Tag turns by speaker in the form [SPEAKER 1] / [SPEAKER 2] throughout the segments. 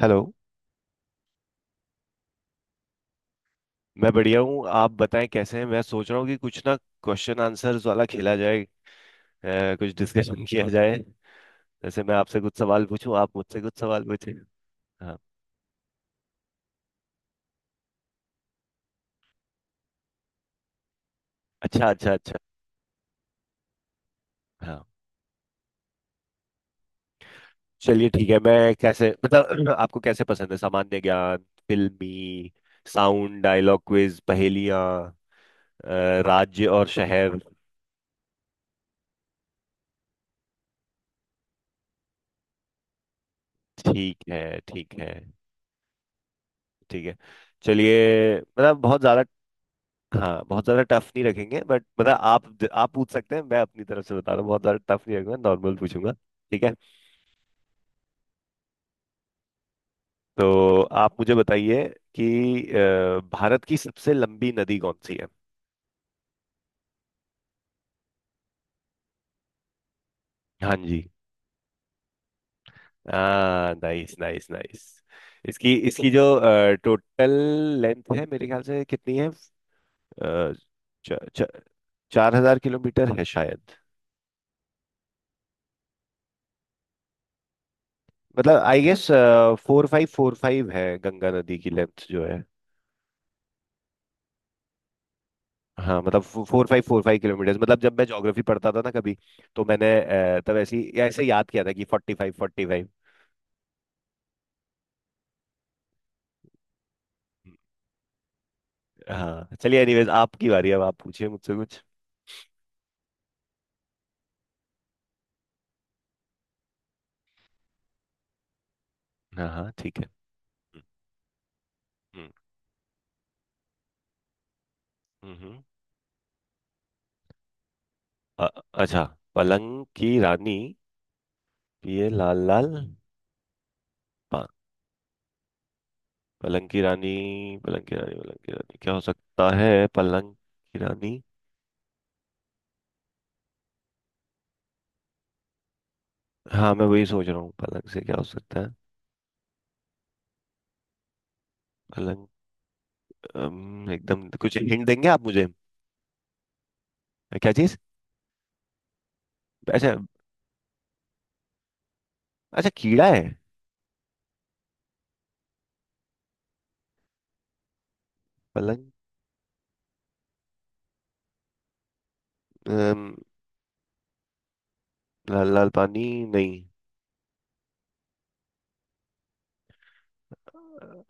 [SPEAKER 1] Hello. मैं बढ़िया हूँ। आप बताएं कैसे हैं। मैं सोच रहा हूँ कि कुछ ना, क्वेश्चन आंसर्स वाला खेला जाए, कुछ डिस्कशन किया जाए। जैसे मैं आपसे कुछ सवाल पूछूं, आप मुझसे कुछ सवाल पूछें। हाँ। अच्छा, अच्छा, अच्छा। हाँ, चलिए ठीक है। मैं कैसे मतलब आपको कैसे पसंद है, सामान्य ज्ञान, फिल्मी साउंड, डायलॉग, क्विज, पहेलियाँ, राज्य और शहर। ठीक है, ठीक है, ठीक है। चलिए मतलब बहुत ज्यादा। हाँ, बहुत ज्यादा टफ नहीं रखेंगे बट मतलब आप पूछ सकते हैं। मैं अपनी तरफ से बता रहा हूँ, बहुत ज्यादा टफ नहीं रखूंगा, नॉर्मल पूछूंगा। ठीक है। तो आप मुझे बताइए कि भारत की सबसे लंबी नदी कौन सी है? हाँ जी। हाँ, नाइस नाइस नाइस। इसकी इसकी जो टोटल लेंथ है मेरे ख्याल से कितनी है? आ, 4000 किलोमीटर है शायद। मतलब आई गेस 4545 है गंगा नदी की लेंथ जो है। हाँ मतलब 4545 किलोमीटर। मतलब जब मैं ज्योग्राफी पढ़ता था ना कभी, तो मैंने तब ऐसी ऐसे याद किया था कि 4545। हाँ चलिए, एनीवेज आपकी बारी, अब आप पूछिए मुझसे कुछ। हाँ हाँ, ठीक है। हम्म, हम्म, हम्म। अ- अच्छा। पलंग की रानी। पिए लाल लाल पान। पलंग की रानी। पलंग की रानी, पलंग की रानी क्या हो सकता है? पलंग की रानी? हाँ मैं वही सोच रहा हूँ पलंग से क्या हो सकता है। पलंग। एकदम कुछ हिंट देंगे आप मुझे? क्या चीज? अच्छा। अच्छा, कीड़ा है। पलंग। अम, लाल लाल पानी। नहीं।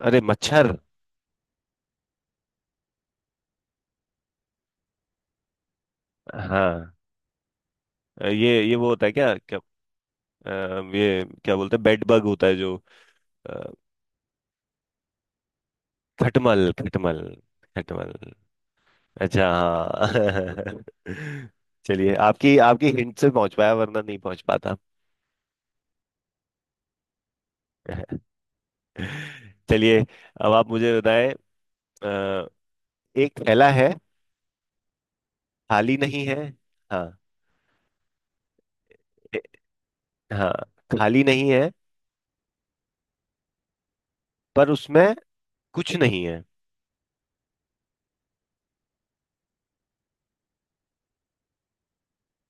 [SPEAKER 1] अरे मच्छर। हाँ। ये वो होता है क्या क्या? ये क्या बोलते हैं, बेड बग होता है जो अ, खटमल, खटमल। खटमल। अच्छा हाँ। चलिए, आपकी आपकी हिंट से पहुंच पाया, वरना नहीं पहुंच पाता। चलिए, अब आप मुझे बताएं। अ, एक थैला है, खाली नहीं है। हाँ। ए- हाँ, खाली नहीं है पर उसमें कुछ नहीं।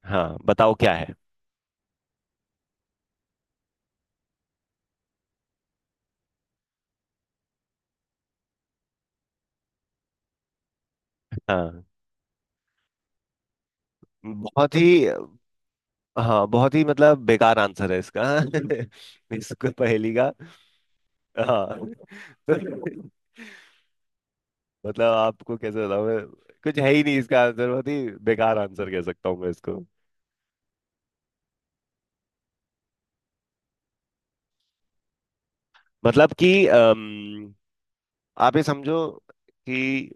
[SPEAKER 1] हाँ, बताओ क्या है। हाँ बहुत ही। हाँ बहुत ही मतलब बेकार आंसर है इसका, इसको पहेली का। हाँ, तो मतलब आपको कैसे बताऊँ मैं। कुछ है ही नहीं इसका आंसर, बहुत ही बेकार आंसर कह सकता हूँ मैं इसको। मतलब कि आप ये समझो कि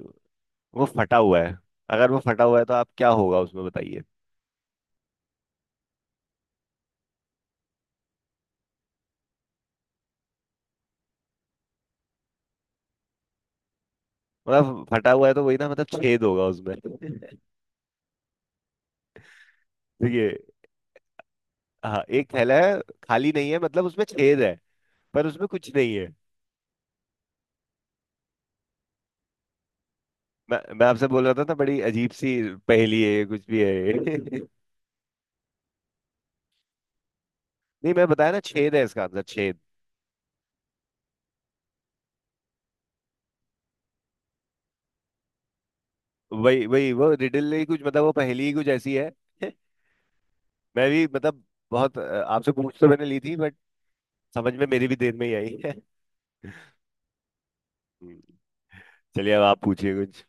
[SPEAKER 1] वो फटा हुआ है। अगर वो फटा हुआ है तो आप क्या होगा उसमें बताइए। मतलब फटा हुआ है तो वही ना, मतलब छेद होगा उसमें। ठीक है। हाँ, एक थैला है, खाली नहीं है मतलब उसमें छेद है, पर उसमें कुछ नहीं है। मैं आपसे बोल रहा था ना, बड़ी अजीब सी पहेली है ये, कुछ भी है ये। नहीं, मैं बताया ना, छेद है इसका आंसर, छेद। वही वही वो रिडल ही कुछ मतलब, वो पहेली ही कुछ ऐसी है। मैं भी मतलब बहुत आपसे पूछ तो मैंने ली थी बट समझ में मेरी भी देर में ही आई है। हम्म। चलिए, अब आप पूछिए कुछ।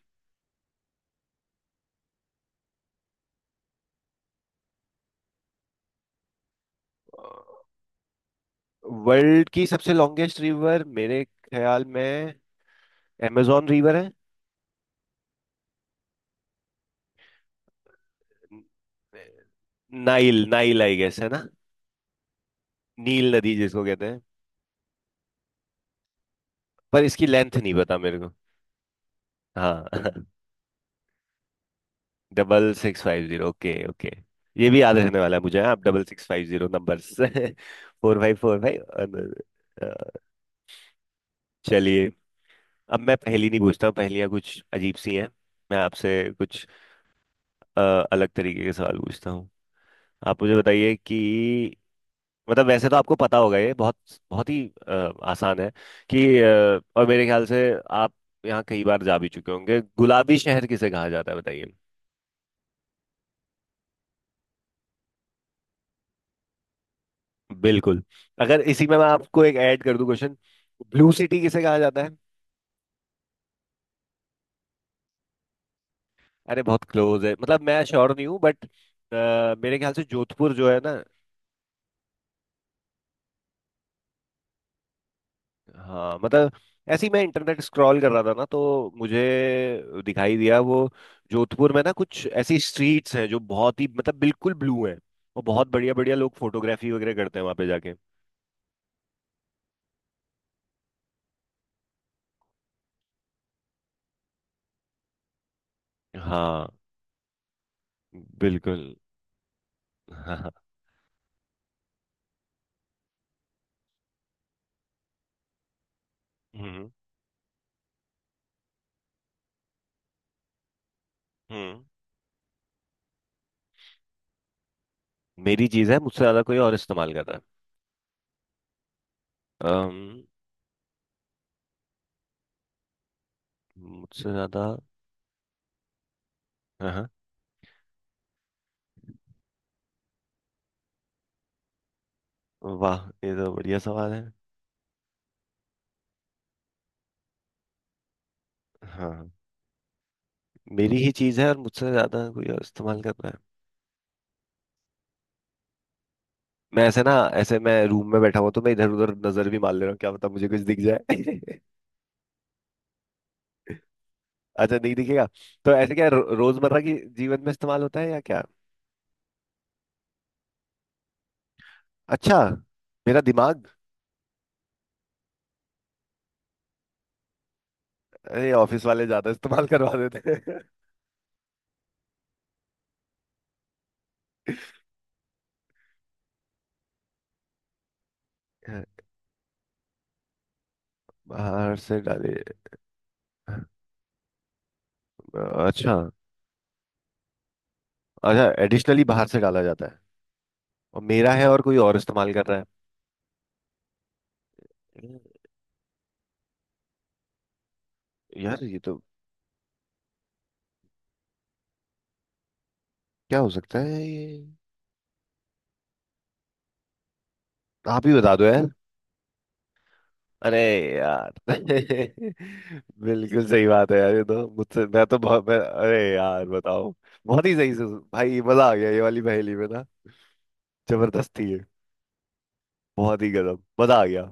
[SPEAKER 1] वर्ल्ड की सबसे लॉन्गेस्ट रिवर मेरे ख्याल में amazon रिवर है। नाइल, नाइल आई गेस है ना? नील नदी जिसको कहते हैं। पर इसकी लेंथ नहीं पता मेरे को। हाँ। Double six five zero, okay okay. ये भी याद रहने वाला है मुझे, हाँ, आप 6650 नंबर्स, 4545। चलिए, अब मैं पहेली नहीं पूछता हूँ, पहेलियाँ कुछ अजीब सी हैं। मैं आपसे कुछ अ, अलग तरीके के सवाल पूछता हूँ। आप मुझे बताइए कि मतलब वैसे तो आपको पता होगा, ये बहुत बहुत ही आसान है, कि और मेरे ख्याल से आप यहाँ कई बार जा भी चुके होंगे, गुलाबी शहर किसे कहा जाता है बताइए? बिल्कुल। अगर इसी में मैं आपको एक ऐड कर दूं क्वेश्चन, ब्लू सिटी किसे कहा जाता है? अरे बहुत क्लोज है, मतलब मैं श्योर नहीं हूँ बट मेरे ख्याल से जोधपुर जो है ना। हाँ मतलब ऐसे ही मैं इंटरनेट स्क्रॉल कर रहा था ना, तो मुझे दिखाई दिया वो, जोधपुर में ना कुछ ऐसी स्ट्रीट्स हैं जो बहुत ही मतलब बिल्कुल ब्लू हैं। और बहुत बढ़िया बढ़िया लोग फोटोग्राफी वगैरह करते हैं वहां पे जाके। हाँ। बिल्कुल। हाँ हाँ। हम्म, हम्म। मेरी चीज है, मुझसे ज्यादा कोई और इस्तेमाल कर रहा है? मुझसे ज्यादा। हाँ हाँ। वाह, ये तो बढ़िया सवाल है। हाँ। मेरी ही चीज है और मुझसे ज्यादा कोई और इस्तेमाल कर रहा है। मैं ऐसे ना, ऐसे मैं रूम में बैठा हुआ तो मैं इधर उधर नजर भी मार ले रहा हूँ, क्या पता मुझे कुछ दिख जाए। अच्छा, नहीं दिखेगा। तो ऐसे क्या रोजमर्रा की जीवन में इस्तेमाल होता है या क्या? अच्छा, मेरा दिमाग। अरे, ऑफिस वाले ज्यादा इस्तेमाल करवा देते हैं। बाहर से डाले? अच्छा। अच्छा, एडिशनली बाहर से डाला जाता है, और मेरा है और कोई और इस्तेमाल कर रहा है? यार ये तो, क्या हो सकता है ये? आप ही बता दो यार। अरे यार, बिल्कुल सही बात है यार, ये तो मुझसे मैं तो बहुत मैं, अरे यार बताओ। बहुत ही सही से। भाई मजा आ गया ये वाली पहेली में ना। जबरदस्त थी ये। बहुत ही गजब मजा आ गया।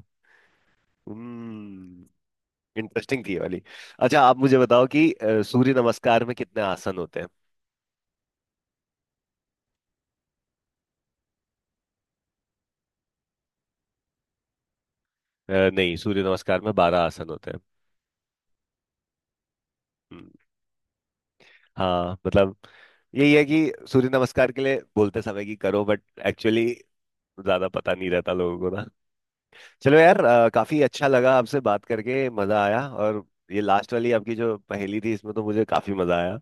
[SPEAKER 1] हम्म। इंटरेस्टिंग थी ये वाली। अच्छा, आप मुझे बताओ कि सूर्य नमस्कार में कितने आसन होते हैं? नहीं, सूर्य नमस्कार में 12 आसन होते हैं। हम्म। हाँ मतलब यही है कि सूर्य नमस्कार के लिए बोलते समय कि करो, बट एक्चुअली ज्यादा पता नहीं रहता लोगों को ना। चलो यार, काफी अच्छा लगा, आपसे बात करके मजा आया, और ये लास्ट वाली आपकी जो पहेली थी इसमें तो मुझे काफी मजा आया।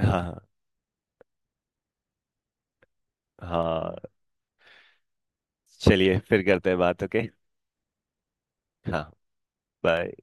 [SPEAKER 1] हाँ, हाँ। चलिए, फिर करते हैं बात, ओके। हाँ, बाय।